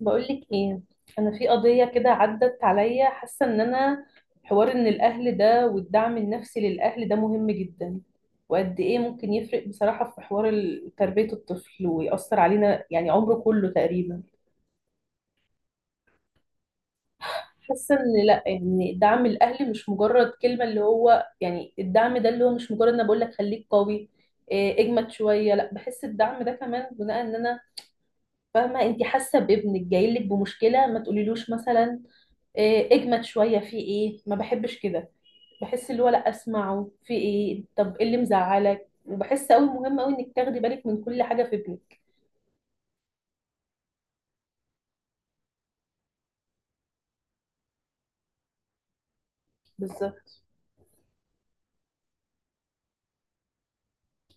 بقولك ايه، انا في قضيه كده عدت عليا، حاسه ان انا حوار ان الاهل ده والدعم النفسي للاهل ده مهم جدا. وقد ايه ممكن يفرق بصراحه في حوار تربيه الطفل ويأثر علينا يعني عمره كله تقريبا. حاسه ان لا، يعني دعم الاهل مش مجرد كلمه، اللي هو يعني الدعم ده اللي هو مش مجرد انا بقول لك خليك قوي، إيه، اجمد شويه. لا، بحس الدعم ده كمان بناء، ان انا فاهمه انت حاسه بابنك جاي لك بمشكله، ما تقوليلوش مثلا إيه، اجمد شويه، في ايه، ما بحبش كده. بحس اللي هو لا، اسمعه في ايه، طب ايه اللي مزعلك. وبحس قوي مهم قوي انك تاخدي بالك من كل حاجه في ابنك. بالظبط،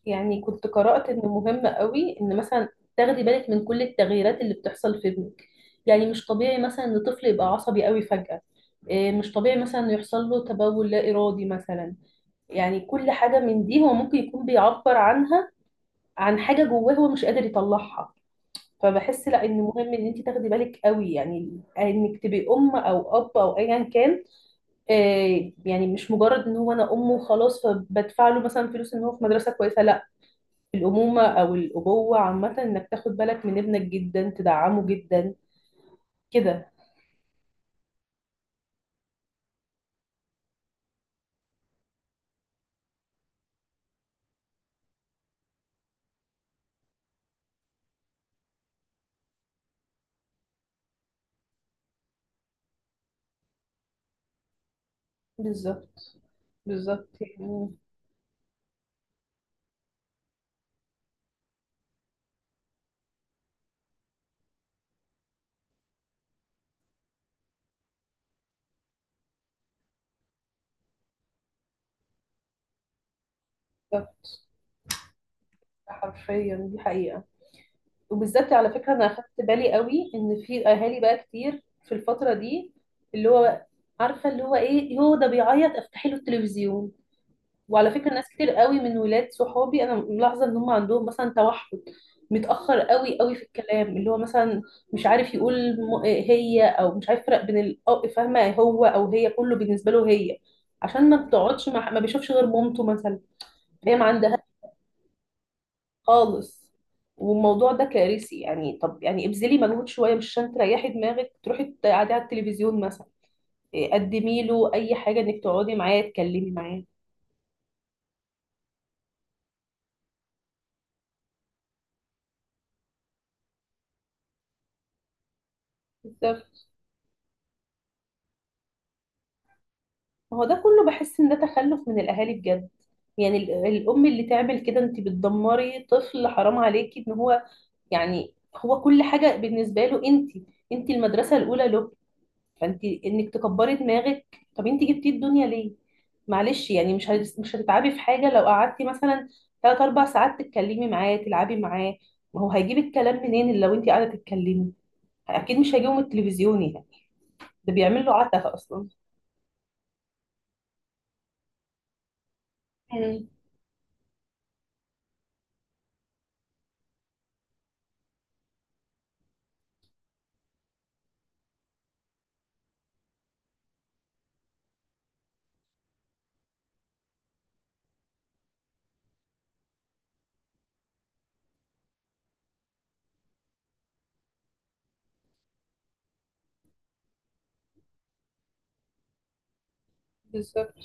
يعني كنت قرات ان مهم قوي ان مثلا تاخدي بالك من كل التغييرات اللي بتحصل في ابنك. يعني مش طبيعي مثلا ان طفل يبقى عصبي قوي فجاه، إيه، مش طبيعي مثلا إنه يحصل له تبول لا ارادي مثلا. يعني كل حاجه من دي هو ممكن يكون بيعبر عنها، عن حاجه جواه هو مش قادر يطلعها. فبحس لا، ان مهم ان انت تاخدي بالك قوي، يعني انك تبقي ام او اب او ايا كان. آه، يعني مش مجرد ان هو انا ام وخلاص، فبدفع له مثلا فلوس ان هو في مدرسه كويسه، لا، الامومه او الابوه عامه انك تاخد بالك من ابنك جدا، تدعمه جدا كده. بالظبط. بالظبط، يعني بالظبط، حرفيا دي حقيقه. وبالذات على فكره انا اخدت بالي قوي ان في اهالي بقى كتير في الفتره دي اللي هو عارفه اللي هو ايه، هو ده بيعيط افتحي له التلفزيون. وعلى فكرة ناس كتير قوي من ولاد صحابي انا ملاحظة ان هم عندهم مثلا توحد، متأخر قوي قوي في الكلام، اللي هو مثلا مش عارف يقول م- هي او مش عارف يفرق بين فاهمة، هو او هي كله بالنسبة له هي، عشان ما بتقعدش مع، ما بيشوفش غير مامته مثلا. هي ما عندها خالص. والموضوع ده كارثي. يعني طب يعني ابذلي مجهود شوية، مش عشان تريحي دماغك تروحي تقعدي على التلفزيون مثلا، إيه، قدمي له اي حاجة، انك تقعدي معاه تتكلمي معاه. ما هو ده كله بحس ان ده تخلف من الاهالي بجد. يعني الام اللي تعمل كده، انت بتدمري طفل، حرام عليكي. ان هو يعني هو كل حاجه بالنسبه له انت، انت المدرسه الاولى له، فانت انك تكبري دماغك، طب انت جبتي الدنيا ليه؟ معلش يعني مش هتتعبي في حاجه لو قعدتي مثلا ثلاث اربع ساعات تتكلمي معاه تلعبي معاه. ما هو هيجيب الكلام منين اللي لو انت قاعده تتكلمي؟ اكيد مش هيجيبه من التلفزيون يعني. ده بيعمل له عتبه اصلا. مم. بالظبط،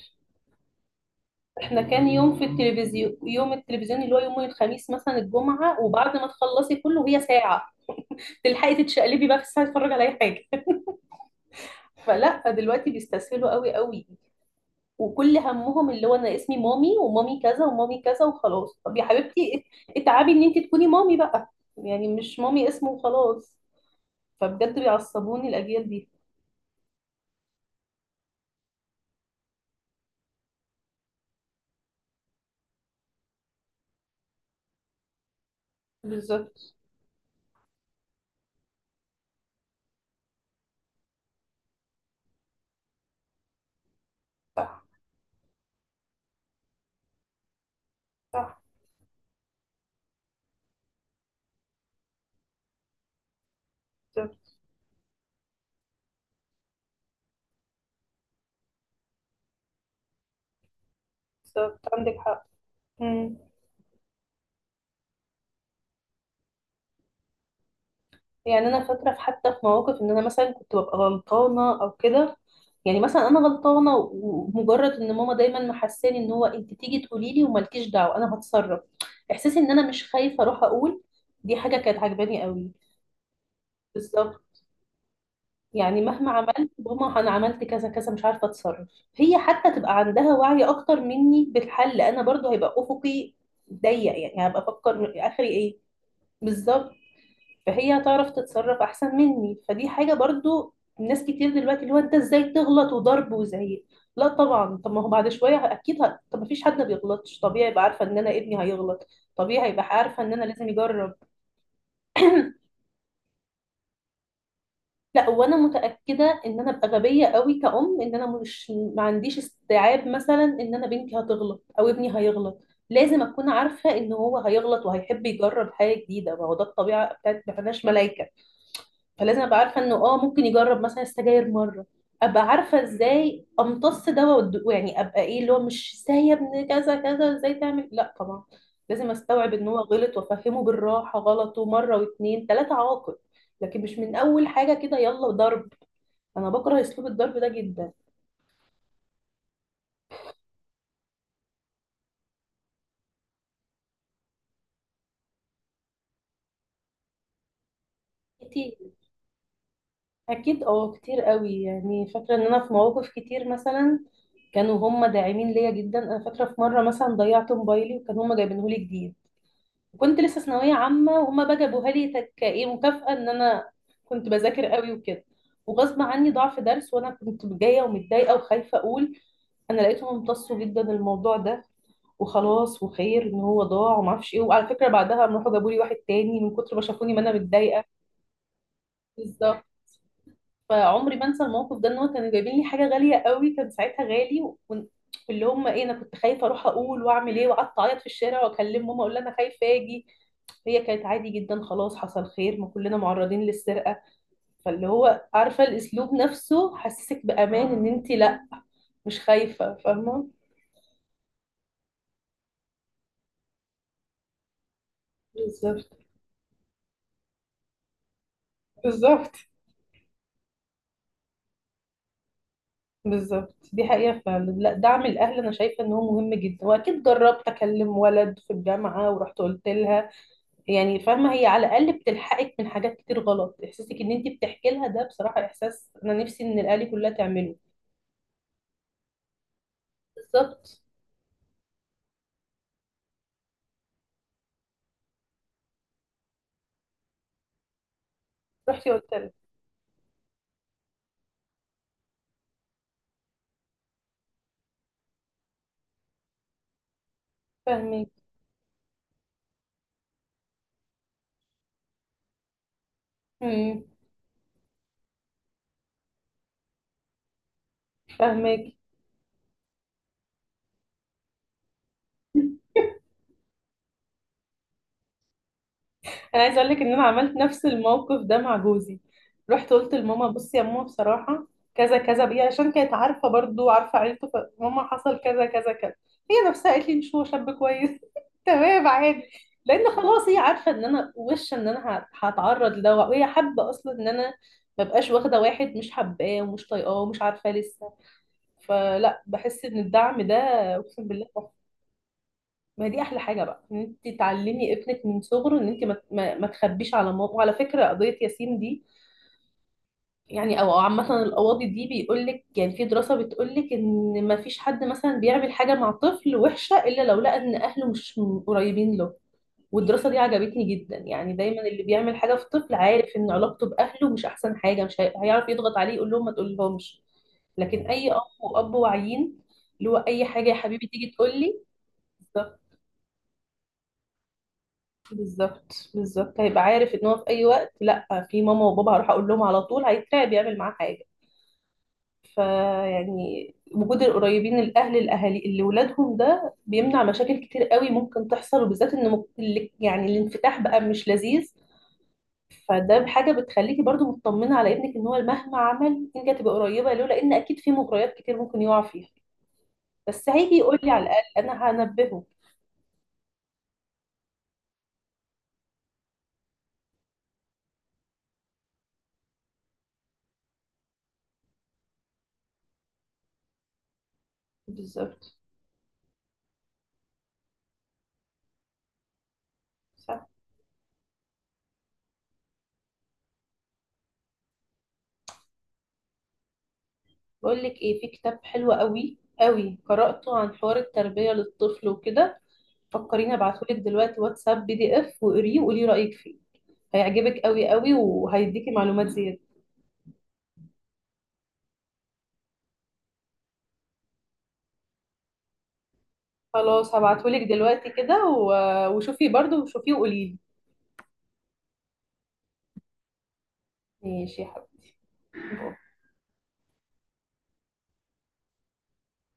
احنا كان يوم في التلفزيون، يوم التلفزيون اللي هو يوم الخميس مثلا الجمعة، وبعد ما تخلصي كله هي ساعة تلحقي تتشقلبي بقى في الساعة تتفرج على اي حاجة. فلا، فدلوقتي بيستسهلوا قوي قوي. وكل همهم اللي هو انا اسمي مامي ومامي كذا ومامي كذا وخلاص، طب يا حبيبتي اتعبي ان انت تكوني مامي بقى، يعني مش مامي اسمه وخلاص. فبجد بيعصبوني الاجيال دي. بالظبط. صح. صح. بالظبط. بالظبط، عندك حق. مم. يعني انا فاكره في، حتى في مواقف ان انا مثلا كنت ببقى غلطانه او كده، يعني مثلا انا غلطانه، ومجرد ان ماما دايما محساني ان هو انت تيجي تقولي لي ومالكيش دعوه انا هتصرف، احساسي ان انا مش خايفه اروح اقول، دي حاجه كانت عجباني قوي. بالظبط، يعني مهما عملت، ماما انا عملت كذا كذا مش عارفه اتصرف، هي حتى تبقى عندها وعي اكتر مني بالحل، انا برضو هيبقى افقي ضيق، يعني هبقى افكر اخري ايه. بالظبط. فهي هتعرف تتصرف احسن مني، فدي حاجه برضو. ناس كتير دلوقتي اللي هو انت ازاي تغلط، وضرب وزعيق، لا طبعا. طب ما هو بعد شويه اكيد طب ما فيش حد ما بيغلطش، طبيعي يبقى عارفه ان انا ابني هيغلط، طبيعي يبقى عارفه ان انا لازم يجرب. لا، وانا متاكده ان انا ابقى غبيه قوي كأم، ان انا مش، ما عنديش استيعاب مثلا ان انا بنتي هتغلط او ابني هيغلط. لازم اكون عارفه ان هو هيغلط وهيحب يجرب حاجه جديده، ما هو ده الطبيعه بتاعت، ما احناش ملايكه. فلازم ابقى عارفه انه اه ممكن يجرب مثلا السجاير مره، ابقى عارفه ازاي امتص ده ويعني ابقى ايه، اللي هو مش ازاي يا ابني كذا كذا، ازاي تعمل، لا طبعا، لازم استوعب ان هو غلط، وافهمه بالراحه غلطه مره واتنين تلاته عواقب، لكن مش من اول حاجه كده يلا ضرب. انا بكره اسلوب الضرب ده جدا. كتير. اكيد اه، كتير قوي، يعني فاكره ان انا في مواقف كتير مثلا كانوا هم داعمين ليا جدا. انا فاكره في مره مثلا ضيعت موبايلي، وكانوا هم جايبينه لي جديد، وكنت لسه ثانويه عامه، وهما بقى جابوها لي كايه مكافاه ان انا كنت بذاكر قوي وكده. وغصب عني ضعف درس، وانا كنت جايه ومتضايقه وخايفه اقول. انا لقيتهم امتصوا جدا الموضوع ده، وخلاص وخير ان هو ضاع وما اعرفش ايه. وعلى فكره بعدها قام راحوا جابوا لي واحد تاني من كتر ما شافوني ما انا متضايقه. بالظبط. فعمري ما انسى الموقف ده، ان هو كانوا جايبين لي حاجه غاليه قوي كان ساعتها، غالي وكنت- واللي هم ايه، انا كنت خايفه اروح اقول واعمل ايه، وقعدت اعيط في الشارع واكلم ماما اقول لها انا خايفه اجي. هي كانت عادي جدا، خلاص حصل خير، ما كلنا معرضين للسرقة. فاللي هو عارفة الأسلوب نفسه حسسك بأمان إن أنت لأ، مش خايفة، فاهمة. بالظبط. بالظبط. بالظبط دي حقيقة فعلا. لا، دعم الأهل أنا شايفة إن هو مهم جدا. وأكيد جربت أكلم ولد في الجامعة ورحت قلت لها، يعني فاهمة هي على الأقل بتلحقك من حاجات كتير غلط، إحساسك إن أنت بتحكي لها ده بصراحة إحساس أنا نفسي إن الأهالي كلها تعمله. بالظبط. رحتي قلت لها. فاهمك. امم. فاهمك. انا عايزه اقول لك ان انا عملت نفس الموقف ده مع جوزي، رحت قلت لماما، بصي يا ماما بصراحه كذا كذا بيه، عشان كانت عارفه برضو، عارفه عيلته، فماما حصل كذا كذا كذا. هي نفسها قالت لي ان هو شاب كويس. تمام عادي. لان خلاص هي عارفه ان انا وش ان انا هتعرض لده، وهي حابه اصلا ان انا ما بقاش واخده واحد مش حباه ومش طايقاه ومش عارفاه لسه. فلا، بحس ان الدعم ده، اقسم بالله ما دي احلى حاجه بقى، ان انت تعلمي ابنك من صغره ان انت ما تخبيش على ماما. وعلى فكره قضيه ياسين دي، يعني او أو عامه القواضي دي بيقول لك، يعني في دراسه بتقول لك ان ما فيش حد مثلا بيعمل حاجه مع طفل وحشه الا لو لقى ان اهله مش قريبين له. والدراسه دي عجبتني جدا، يعني دايما اللي بيعمل حاجه في طفل عارف ان علاقته باهله مش احسن حاجه، مش هي- هيعرف يضغط عليه يقول لهم ما تقولهمش. لكن اي ام واب واعيين اللي هو اي حاجه يا حبيبي تيجي تقول لي، بالظبط. بالظبط، هيبقى عارف ان هو في اي وقت لا، في ماما وبابا هروح اقول لهم على طول، هيترعب يعمل معاه حاجه. فيعني وجود القريبين، الاهل، الاهالي اللي ولادهم ده بيمنع مشاكل كتير قوي ممكن تحصل. وبالذات ان يعني الانفتاح بقى مش لذيذ، فده حاجه بتخليكي برضو مطمنه على ابنك، ان هو مهما عمل انت هتبقى قريبه له، لان اكيد في مغريات كتير ممكن يقع فيها، بس هيجي يقول لي على الاقل انا هنبهه. بالظبط. بقول لك ايه، في كتاب حلو قوي قوي قرأته عن حوار التربية للطفل وكده، فكريني ابعتهولك دلوقتي واتساب PDF، وقريه وقولي رأيك فيه. هيعجبك قوي قوي، وهيديكي معلومات زيادة. خلاص، هبعتهولك دلوقتي كده، وشوفي برضه، وشوفيه وقوليلي. ماشي يا حبيبي.